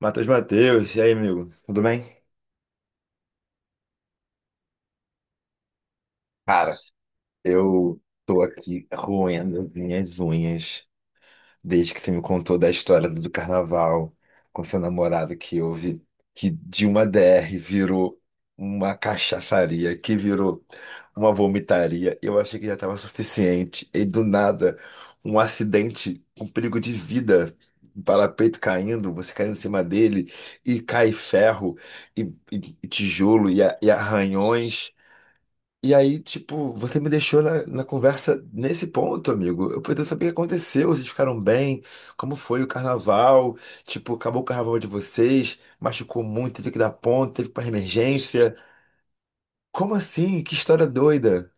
Matheus, e aí, amigo? Tudo bem? Cara, eu tô aqui roendo minhas unhas desde que você me contou da história do carnaval com seu namorado que houve, que de uma DR virou uma cachaçaria, que virou uma vomitaria. Eu achei que já estava suficiente. E do nada, um acidente com perigo de vida. Um Parapeito caindo, você caindo em cima dele, e cai ferro, e, e tijolo, e arranhões. E aí, tipo, você me deixou na conversa nesse ponto, amigo. Eu poderia saber o que aconteceu, vocês ficaram bem, como foi o carnaval, tipo, acabou o carnaval de vocês, machucou muito, teve que dar ponto, teve que ir pra emergência. Como assim? Que história doida.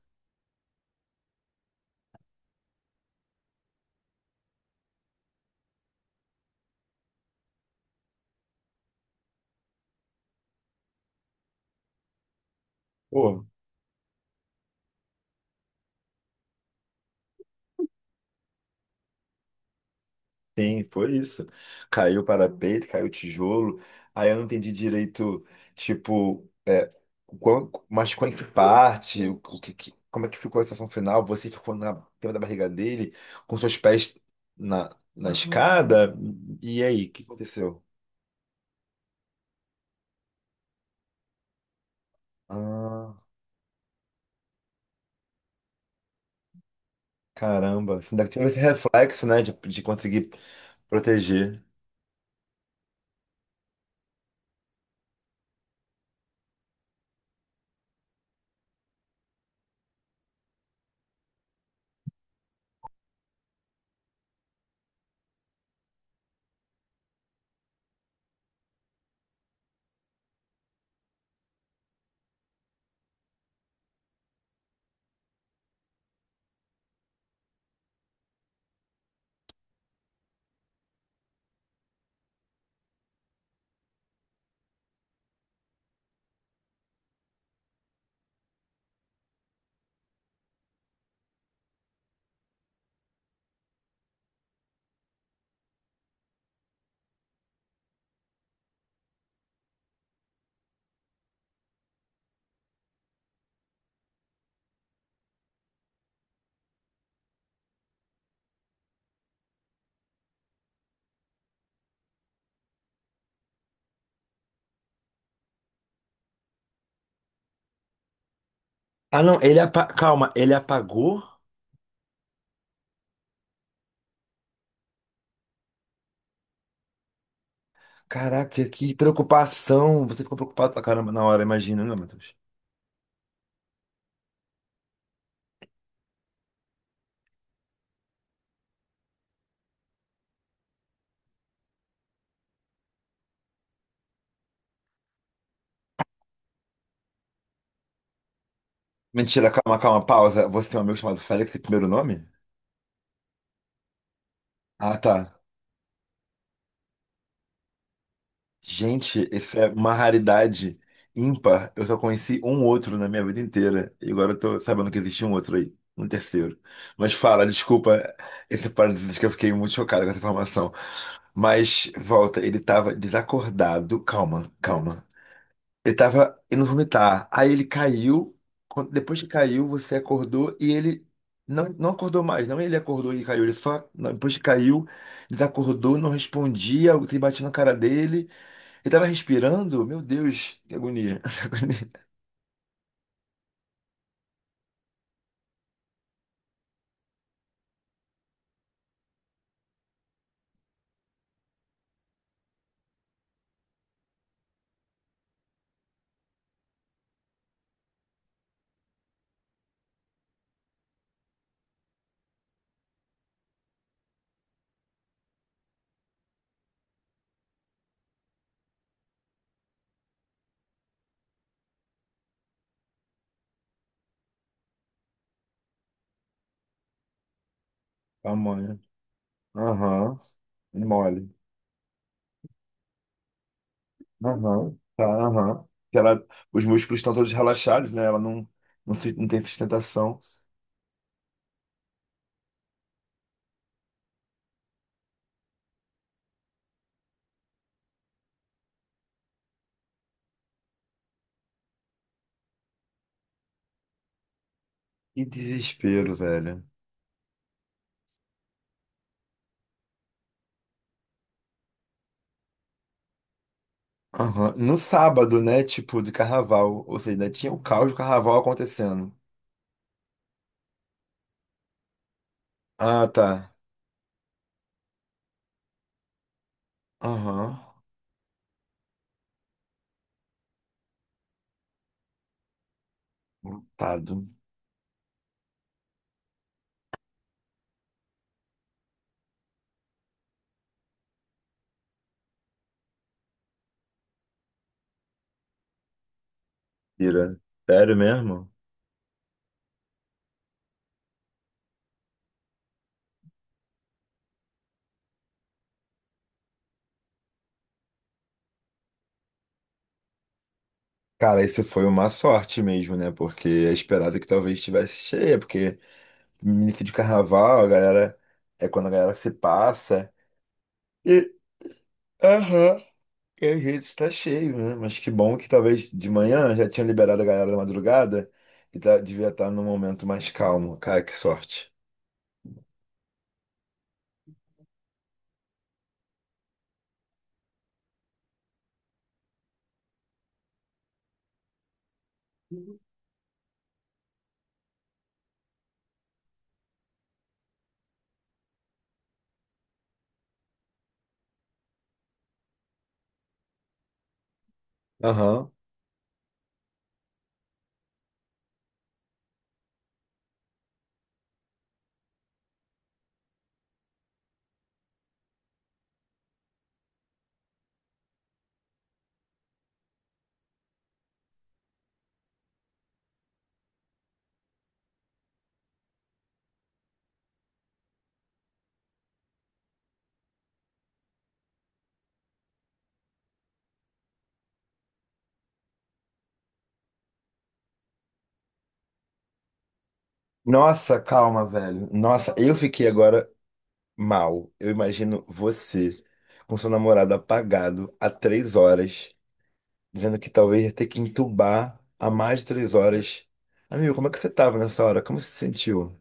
Pô. Sim, foi isso. Caiu o parapeito, caiu o tijolo. Aí eu não entendi direito, tipo, é, mas qual é que parte, como é que ficou a sensação final? Você ficou na cima da barriga dele, com seus pés na, na escada? E aí, o que aconteceu? Ah, caramba, você ainda tive esse reflexo, né, de conseguir proteger. Ah, não, ele, calma, ele apagou? Caraca, que preocupação. Você ficou preocupado pra caramba na hora, imagina, né, Matheus? Mentira, calma, calma, pausa. Você tem um amigo chamado Félix, tem primeiro nome? Ah, tá. Gente, isso é uma raridade ímpar. Eu só conheci um outro na minha vida inteira. E agora eu tô sabendo que existe um outro aí, um terceiro. Mas fala, desculpa esse parênteses que eu fiquei muito chocado com essa informação. Mas volta, ele tava desacordado. Calma, calma. Ele tava indo vomitar. Aí ele caiu. Depois que caiu, você acordou e ele não, não acordou mais. Não, ele acordou e caiu. Ele só, não, depois que caiu, desacordou, não respondia. Você batia na cara dele. Ele tava respirando. Meu Deus, que agonia. Que agonia. Tamanho. Aham. Mole. Aham. Tá, aham. Que ela, os músculos estão todos relaxados, né? Ela não, não, não tem sustentação. Que desespero, velho. Aham. No sábado, né? Tipo, de carnaval. Ou seja, ainda tinha o caos do carnaval acontecendo. Ah, tá. Aham. Lotado. Pira. Sério mesmo? Cara, isso foi uma sorte mesmo, né? Porque é esperado que talvez estivesse cheia, porque início de carnaval, a galera. É quando a galera se passa. E. Aham. E às vezes tá cheio, né? Mas que bom que talvez de manhã já tinham liberado a galera da madrugada e devia estar num momento mais calmo. Cara, que sorte. Aham. Nossa, calma, velho. Nossa, eu fiquei agora mal. Eu imagino você com seu namorado apagado há 3 horas, dizendo que talvez ia ter que entubar há mais de 3 horas. Amigo, como é que você tava nessa hora? Como você se sentiu?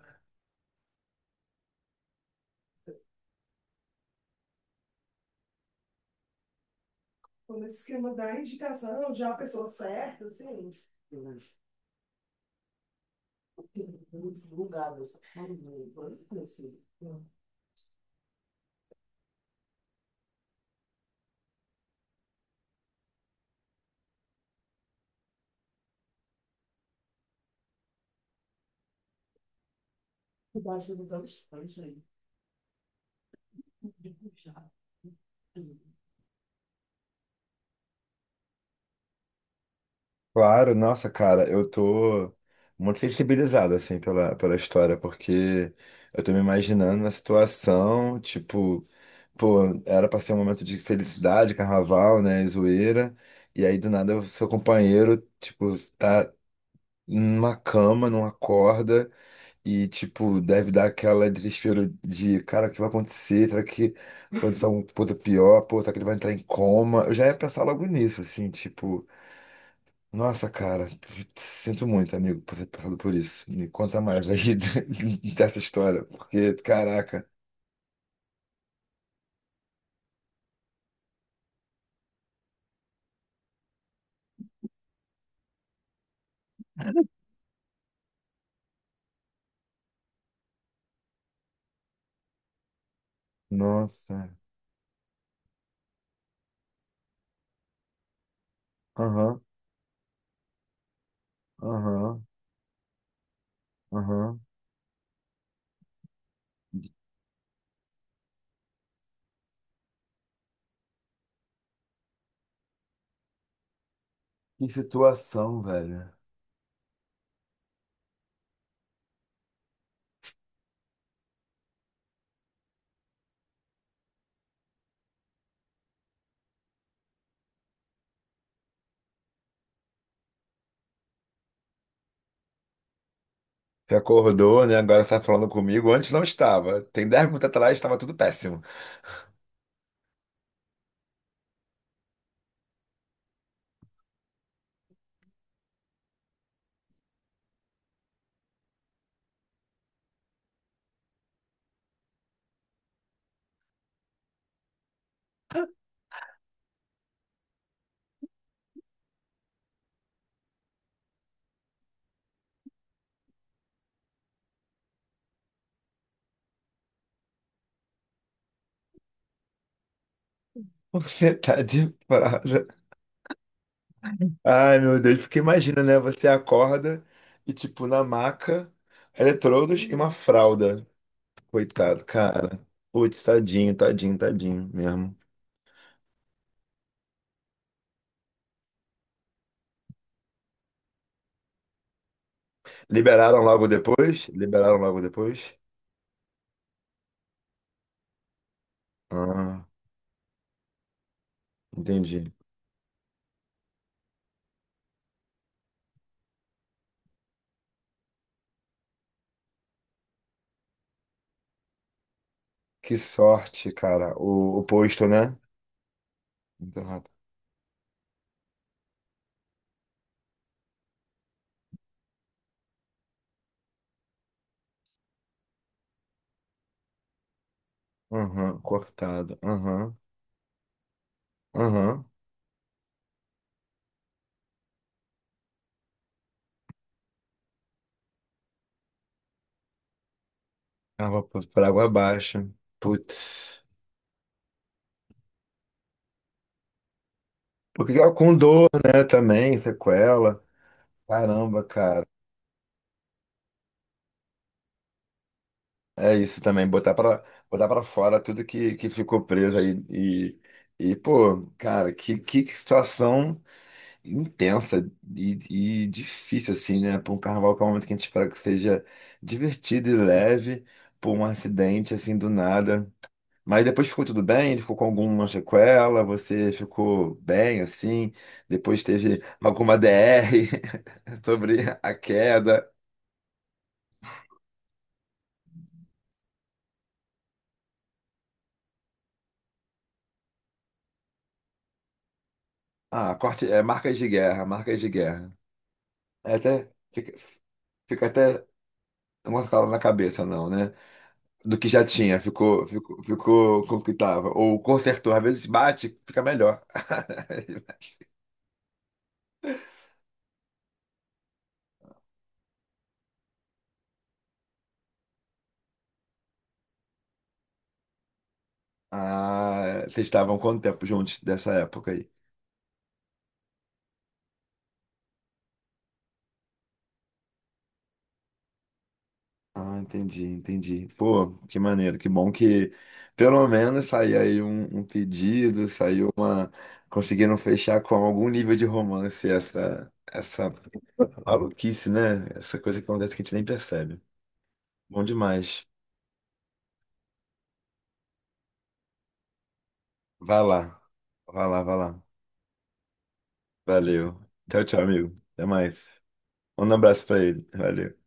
Claro, nossa, cara, eu tô muito sensibilizado, assim, pela história, porque eu tô me imaginando na situação, tipo. Pô, era pra ser um momento de felicidade, carnaval, né, e zoeira. E aí do nada o seu companheiro, tipo, tá numa cama, não acorda e tipo, deve dar aquela desespero de, cara, o que vai acontecer? Será que vai acontecer alguma coisa pior? Pô, será que ele vai entrar em coma? Eu já ia pensar logo nisso, assim, tipo, nossa, cara, sinto muito, amigo, por ter passado por isso. Me conta mais aí dessa história, porque, caraca, nossa. Aham, aham, aham. Que situação, velho. Você acordou, né? Agora você tá falando comigo. Antes não estava. Tem 10 minutos atrás estava tudo péssimo. Você tá de parada. Ai, meu Deus. Porque imagina, né? Você acorda e, tipo, na maca, eletrodos e uma fralda. Coitado, cara. Putz, tadinho, tadinho, tadinho mesmo. Liberaram logo depois? Liberaram logo depois? Ah, entendi. Que sorte, cara. O posto, né? Muito rápido. Aham, cortado. Aham. Aham. Água pra água abaixo. Putz. Porque é com dor, né? Também, sequela. Caramba, cara. É isso também, botar pra fora tudo que ficou preso aí. E, pô, cara, que situação intensa e, e difícil, assim, né? Pra um carnaval que é um momento que a gente espera que seja divertido e leve, por um acidente, assim, do nada. Mas depois ficou tudo bem? Ele ficou com alguma sequela? Você ficou bem assim? Depois teve alguma DR sobre a queda? Ah, corte, é, marcas de guerra, marcas de guerra. É até, fica, fica até uma cala na cabeça, não, né? Do que já tinha, ficou, ficou, ficou com o que tava. Ou consertou, às vezes bate, fica melhor. Ah, vocês estavam quanto tempo juntos dessa época aí? Ah, entendi, entendi. Pô, que maneiro, que bom que pelo menos saiu aí um pedido, saiu uma. Conseguiram fechar com algum nível de romance essa, essa maluquice, né? Essa coisa que acontece que a gente nem percebe. Bom demais. Vai lá, vai lá. Valeu. Tchau, tchau, amigo. Até mais. Um abraço pra ele. Valeu.